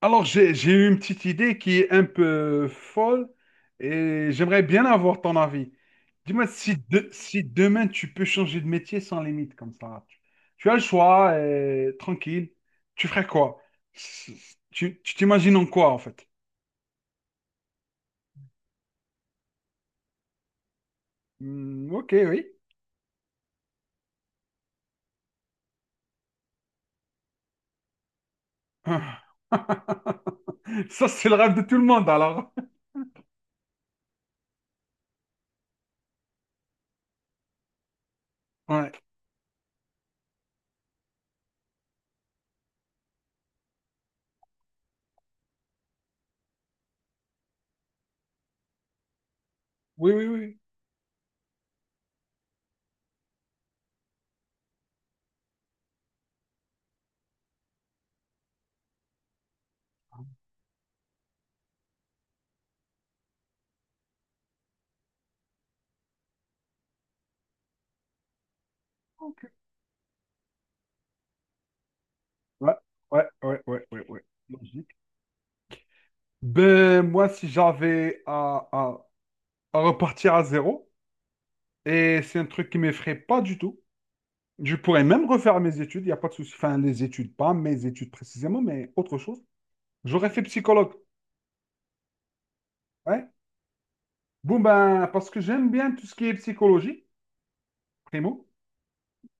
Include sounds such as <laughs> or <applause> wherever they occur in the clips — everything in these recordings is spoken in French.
Alors, j'ai eu une petite idée qui est un peu folle et j'aimerais bien avoir ton avis. Dis-moi si, si demain tu peux changer de métier sans limite comme ça. Tu as le choix, tranquille. Tu ferais quoi? Tu t'imagines en quoi en fait? Hmm, ok, oui. Ah. <laughs> Ça, c'est le rêve de tout le monde alors. Ouais. Oui, oui, oui. Ok. Ouais, ouais, ouais, ouais, ouais, ouais. Logique. Ben, moi, si j'avais à repartir à zéro. Et c'est un truc qui m'effraie pas du tout. Je pourrais même refaire mes études, il n'y a pas de souci. Enfin, les études, pas mes études précisément, mais autre chose. J'aurais fait psychologue. Ouais. Bon, ben, parce que j'aime bien tout ce qui est psychologie, primo,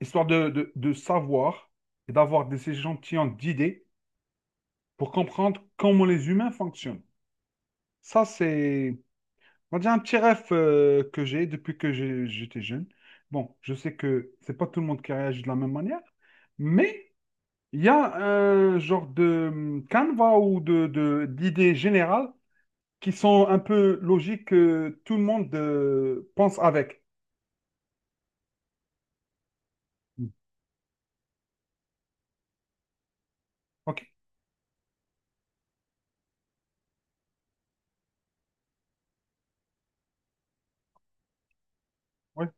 histoire de savoir et d'avoir des échantillons d'idées pour comprendre comment les humains fonctionnent. Ça, c'est, on va dire, un petit rêve que j'ai depuis que j'étais jeune. Bon, je sais que c'est pas tout le monde qui réagit de la même manière, mais il y a un genre de canevas ou d'idées générales qui sont un peu logiques que tout le monde pense avec. Mm. Ok, ouais.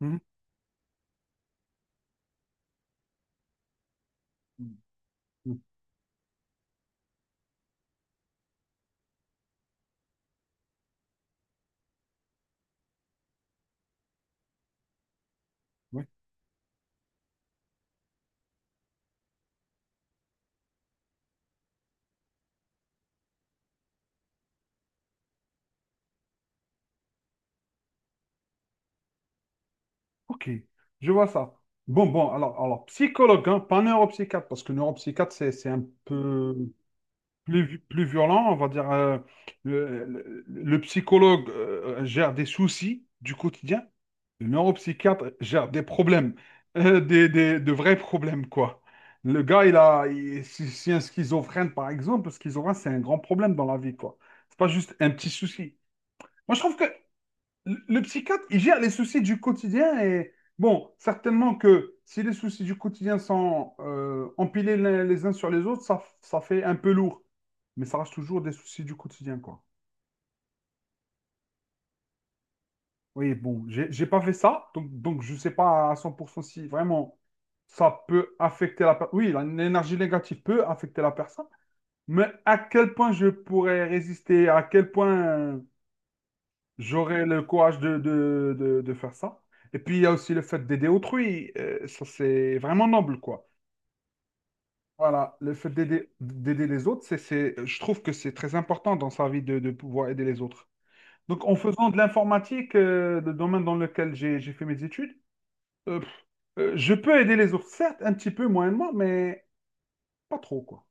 Mhm. Mhm. Ouais. Ok, je vois ça. Bon, bon, alors psychologue, hein, pas neuropsychiatre, parce que neuropsychiatre, c'est un peu plus violent, on va dire. Le psychologue gère des soucis du quotidien. Le neuropsychiatre gère des problèmes, de vrais problèmes, quoi. Le gars, il a, il- si, si un schizophrène, par exemple, le schizophrène, c'est un grand problème dans la vie, quoi. C'est pas juste un petit souci. Moi, je trouve que le psychiatre, il gère les soucis du quotidien et, bon, certainement que si les soucis du quotidien sont empilés les uns sur les autres, ça fait un peu lourd. Mais ça reste toujours des soucis du quotidien, quoi. Oui, bon, j'ai pas fait ça, donc je sais pas à 100% si vraiment ça peut affecter la personne. Oui, l'énergie négative peut affecter la personne, mais à quel point je pourrais résister, à quel point j'aurais le courage de faire ça. Et puis il y a aussi le fait d'aider autrui, ça c'est vraiment noble, quoi. Voilà, le fait d'aider les autres, je trouve que c'est très important dans sa vie de pouvoir aider les autres. Donc en faisant de l'informatique, le domaine dans lequel j'ai fait mes études. Euh, pff, je peux aider les autres, certes, un petit peu moyennement, mais pas trop, quoi.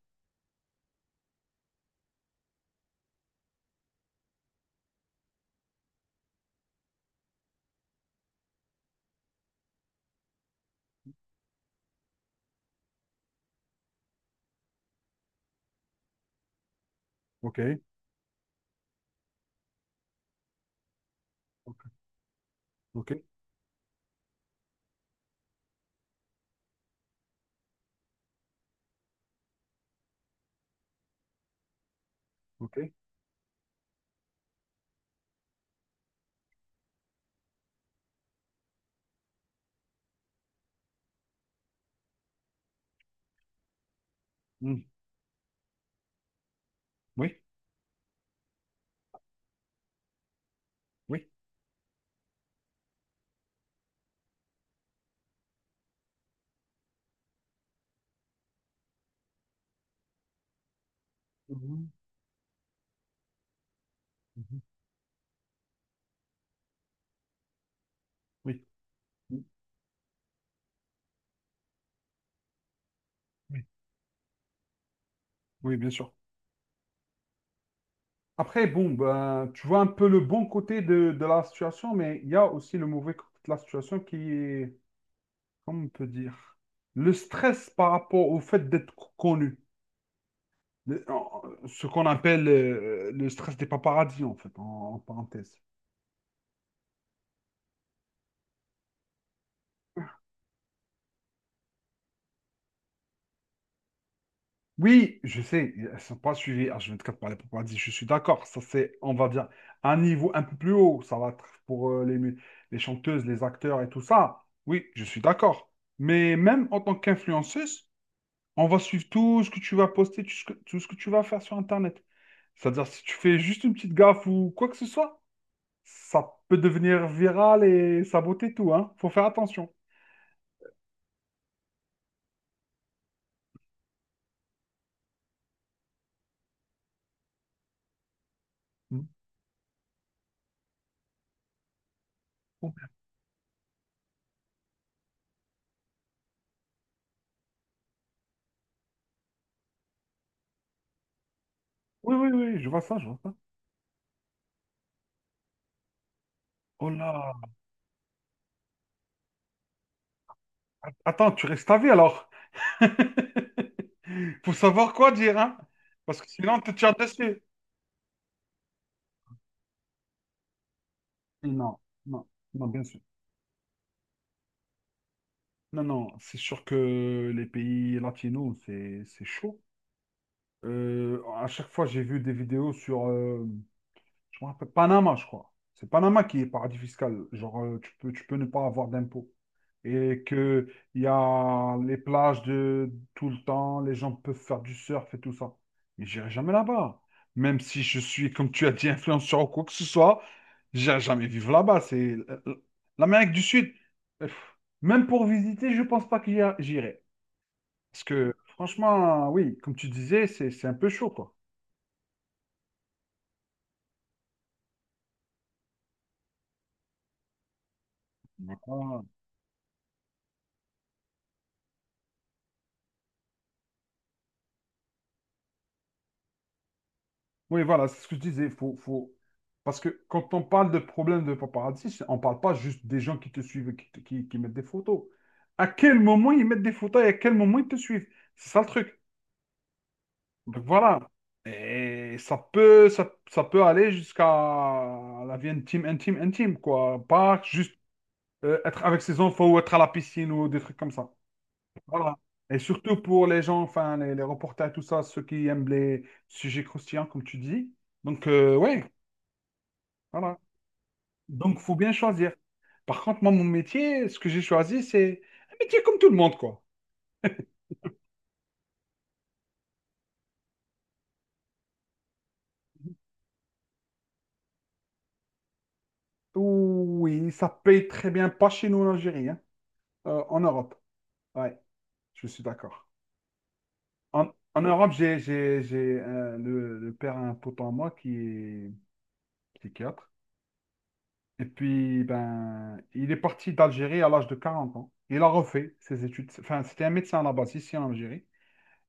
Ok, ok, ok, ok. Hmm. Oui, oui. Mhm, mhm. Oui, oui, oui, oui, bien sûr. Après, bon, ben, tu vois un peu le bon côté de la situation, mais il y a aussi le mauvais côté de la situation qui est, comment on peut dire, le stress par rapport au fait d'être connu. Le- en- Ce qu'on appelle le stress des paparazzis, en fait, en parenthèse. Oui, je sais, elles sont pas suivies H24 par les paparazzis, je suis d'accord. Ça, c'est, on va dire, un niveau un peu plus haut. Ça va être pour les chanteuses, les acteurs et tout ça. Oui, je suis d'accord. Mais même en tant qu'influenceuse, on va suivre tout ce que tu vas poster, tout ce que tu vas faire sur Internet. C'est-à-dire, si tu fais juste une petite gaffe ou quoi que ce soit, ça peut devenir viral et saboter tout, hein. Faut faire attention. Mm. Oui, oui, oui, je vois ça, je vois ça. Oh là, attends, tu restes à vie alors. <laughs> Faut savoir quoi dire, hein? Parce que sinon, on te tire dessus. Non, non, non, bien sûr. Non, non, c'est sûr que les pays latinos, c'est chaud. À chaque fois, j'ai vu des vidéos sur, je me rappelle, Panama, je crois. C'est Panama qui est paradis fiscal. Genre, tu peux ne pas avoir d'impôts. Et que il y a les plages de tout le temps, les gens peuvent faire du surf et tout ça. Mais j'irai jamais là-bas. Même si je suis, comme tu as dit, influenceur ou quoi que ce soit, j'irai jamais vivre là-bas. C'est l'Amérique du Sud. euh, pff, Même pour visiter, je pense pas que j'irai. Parce que, franchement, oui, comme tu disais, c'est un peu chaud, quoi. Voilà. Oui, voilà, c'est ce que je disais. Faut. Parce que quand on parle de problème de paparazzi, on ne parle pas juste des gens qui te suivent, et qui mettent des photos. À quel moment ils mettent des photos et à quel moment ils te suivent? C'est ça le truc. Donc voilà. Et ça peut aller jusqu'à la vie intime, intime, intime, quoi. Pas juste être avec ses enfants ou être à la piscine ou des trucs comme ça. Voilà. Et surtout pour les gens, enfin, les reporters, tout ça, ceux qui aiment les sujets croustillants, comme tu dis. Donc, ouais, voilà. Donc, faut bien choisir. Par contre, moi, mon métier, ce que j'ai choisi, c'est un métier comme tout le monde, quoi. Oui, ça paye très bien, pas chez nous en Algérie, hein. En Europe. Ouais, je suis d'accord. En, en Europe, le père a un pote à moi qui est psychiatre. Et puis, ben, il est parti d'Algérie à l'âge de 40 ans. Il a refait ses études. Enfin, c'était un médecin à la base ici en Algérie.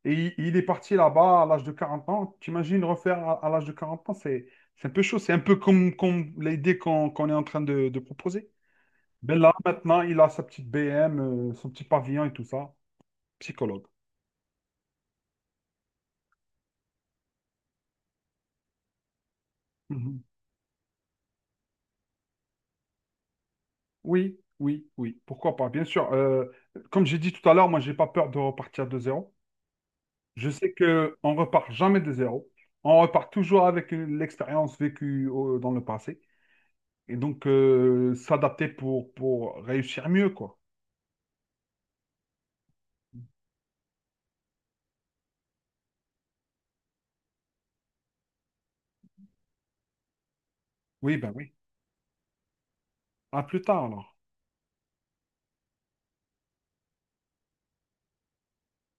Et il est parti là-bas à l'âge de 40 ans. T'imagines refaire à l'âge de 40 ans, c'est un peu chaud. C'est un peu comme l'idée qu'on est en train de proposer. Ben là, maintenant, il a sa petite BM, son petit pavillon et tout ça. Psychologue. Mhm. Oui, oui, oui. Pourquoi pas? Bien sûr. Comme j'ai dit tout à l'heure, moi, j'ai pas peur de repartir de zéro. Je sais que on repart jamais de zéro. On repart toujours avec l'expérience vécue dans le passé. Et donc, s'adapter pour réussir mieux, quoi. Oui, ben oui. À plus tard, alors.